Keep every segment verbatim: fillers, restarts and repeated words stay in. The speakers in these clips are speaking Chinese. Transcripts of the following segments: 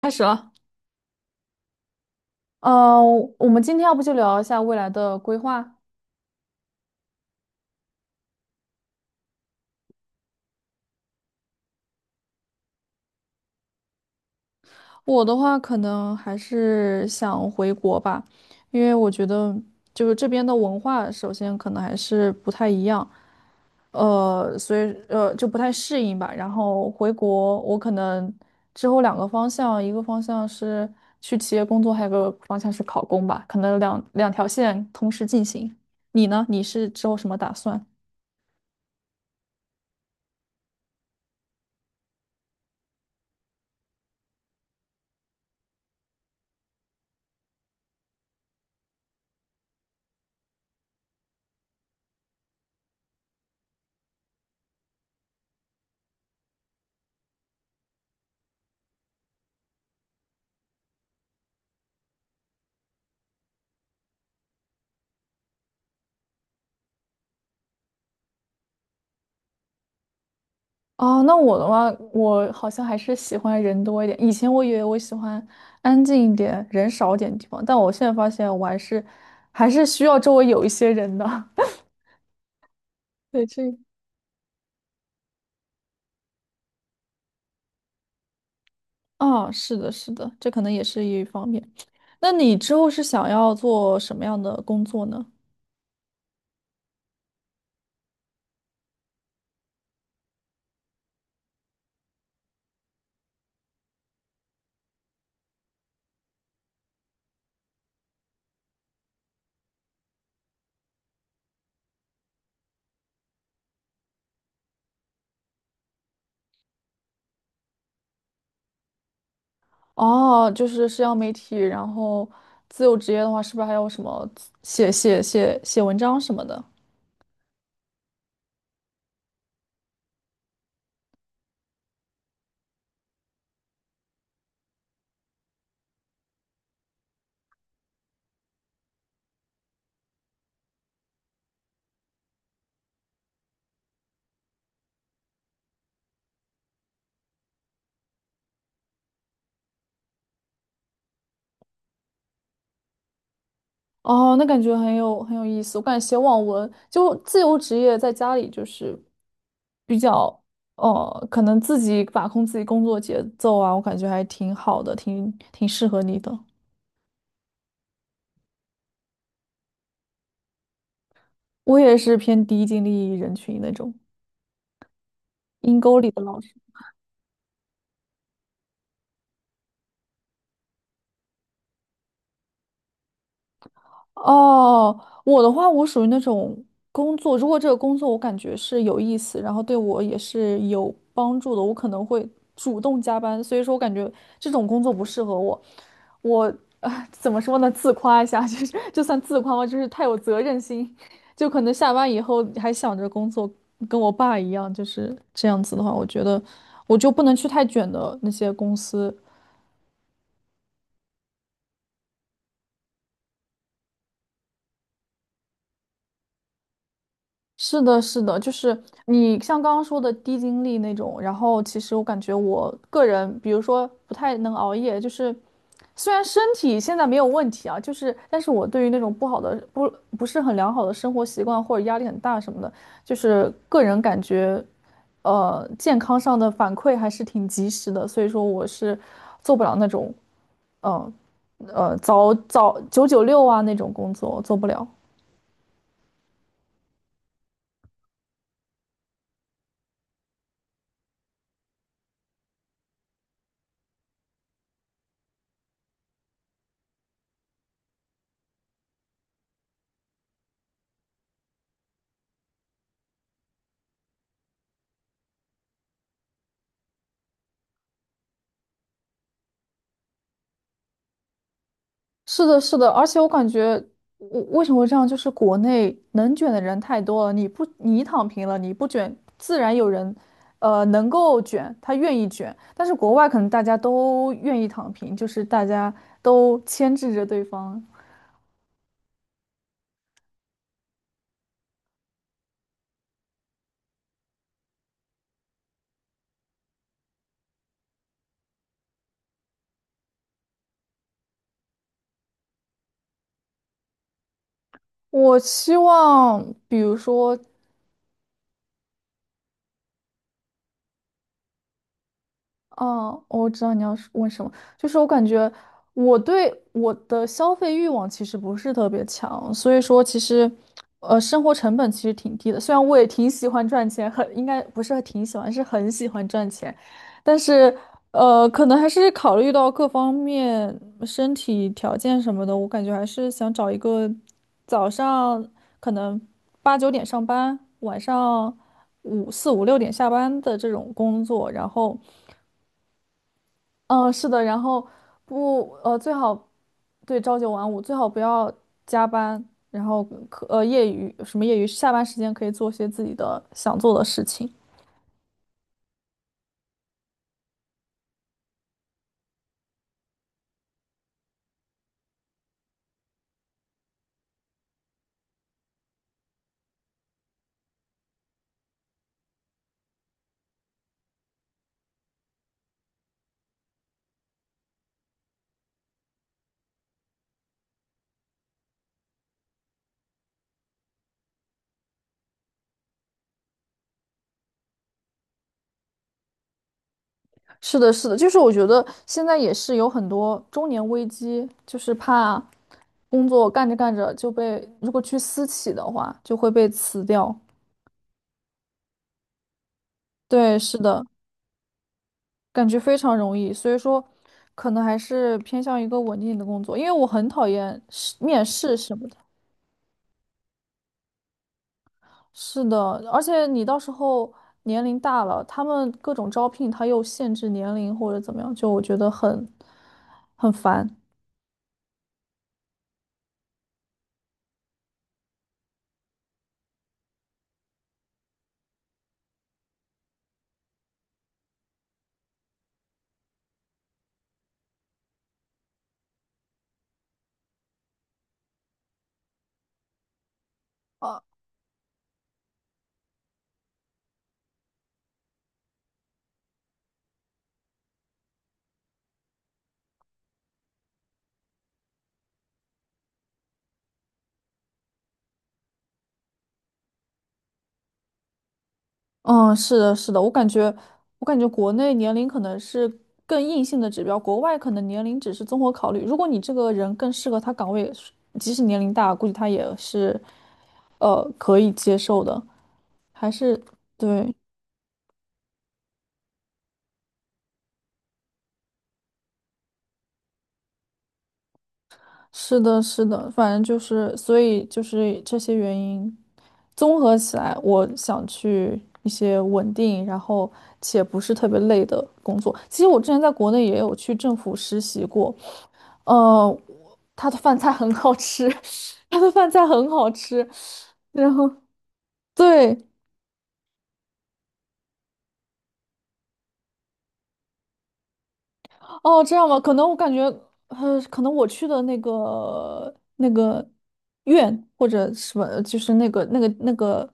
开始了。呃，我们今天要不就聊一下未来的规划？我的话，可能还是想回国吧，因为我觉得就是这边的文化，首先可能还是不太一样，呃，所以呃就不太适应吧。然后回国，我可能之后两个方向，一个方向是去企业工作，还有个方向是考公吧，可能两两条线同时进行。你呢？你是之后什么打算？哦，那我的话，我好像还是喜欢人多一点。以前我以为我喜欢安静一点、人少一点的地方，但我现在发现我还是还是需要周围有一些人的。对，这啊，是的，是的，这可能也是一方面。那你之后是想要做什么样的工作呢？哦，就是社交媒体，然后自由职业的话，是不是还有什么写写写写文章什么的？哦，那感觉很有很有意思。我感觉写网文就自由职业，在家里就是比较呃，可能自己把控自己工作节奏啊，我感觉还挺好的，挺挺适合你的。我也是偏低精力人群那种，阴沟里的老师。哦，我的话，我属于那种工作，如果这个工作我感觉是有意思，然后对我也是有帮助的，我可能会主动加班。所以说我感觉这种工作不适合我。我呃，怎么说呢？自夸一下，就是就算自夸吧，就是太有责任心，就可能下班以后还想着工作，跟我爸一样，就是这样子的话，我觉得我就不能去太卷的那些公司。是的，是的，就是你像刚刚说的低精力那种，然后其实我感觉我个人，比如说不太能熬夜，就是虽然身体现在没有问题啊，就是但是我对于那种不好的不不是很良好的生活习惯或者压力很大什么的，就是个人感觉，呃，健康上的反馈还是挺及时的，所以说我是做不了那种，呃呃，早早九九六啊那种工作，我做不了。是的，是的，而且我感觉，我为什么会这样？就是国内能卷的人太多了，你不，你躺平了，你不卷，自然有人，呃，能够卷，他愿意卷。但是国外可能大家都愿意躺平，就是大家都牵制着对方。我希望，比如说。哦，哦我知道你要是问什么，就是我感觉我对我的消费欲望其实不是特别强，所以说其实，呃，生活成本其实挺低的。虽然我也挺喜欢赚钱，很应该不是挺喜欢，是很喜欢赚钱，但是呃，可能还是考虑到各方面身体条件什么的，我感觉还是想找一个早上可能八九点上班，晚上五四五六点下班的这种工作，然后。嗯，是的，然后不，呃，最好对朝九晚五，最好不要加班，然后可呃业余什么业余，下班时间可以做些自己的想做的事情。是的，是的，就是我觉得现在也是有很多中年危机，就是怕工作干着干着就被，如果去私企的话，就会被辞掉。对，是的，感觉非常容易，所以说可能还是偏向一个稳定的工作，因为我很讨厌是面试什么的。是的，而且你到时候年龄大了，他们各种招聘他又限制年龄或者怎么样，就我觉得很很烦。啊，嗯，是的，是的，我感觉我感觉国内年龄可能是更硬性的指标，国外可能年龄只是综合考虑。如果你这个人更适合他岗位，即使年龄大，估计他也是呃可以接受的。还是对，是的，是的，反正就是，所以就是这些原因。综合起来，我想去一些稳定，然后且不是特别累的工作。其实我之前在国内也有去政府实习过，呃，他的饭菜很好吃，他的饭菜很好吃。然后对，哦，这样吧，可能我感觉，呃，可能我去的那个那个院或者什么，就是那个那个那个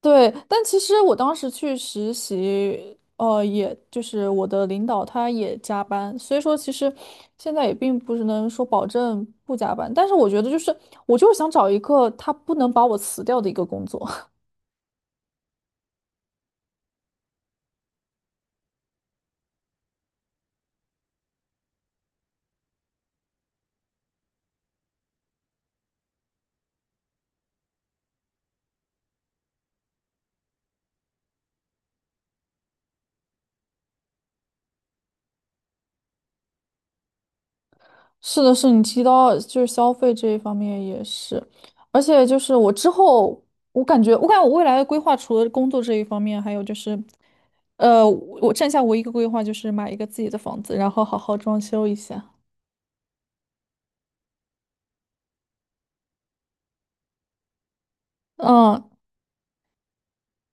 对，但其实我当时去实习，呃，也就是我的领导他也加班，所以说其实现在也并不是能说保证不加班，但是我觉得就是我就是想找一个他不能把我辞掉的一个工作。是的，是你提到就是消费这一方面也是，而且就是我之后我感觉我感觉我未来的规划除了工作这一方面，还有就是。呃，我我剩下唯一一个规划就是买一个自己的房子，然后好好装修一下。嗯，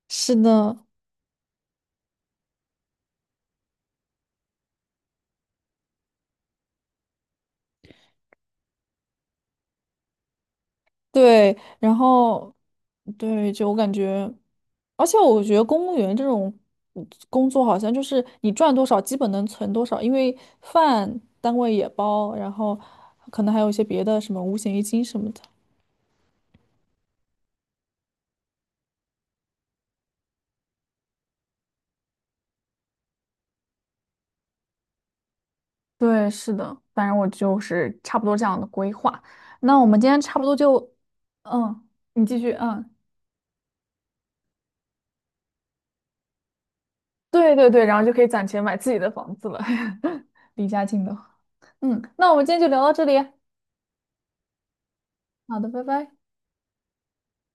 是的，对，然后对，就我感觉，而且我觉得公务员这种嗯工作好像就是你赚多少，基本能存多少，因为饭单位也包，然后可能还有一些别的什么五险一金什么的。对，是的，反正我就是差不多这样的规划。那我们今天差不多就，嗯，你继续，嗯，对对对，然后就可以攒钱买自己的房子了。离家近的，嗯，那我们今天就聊到这里，好的，拜拜。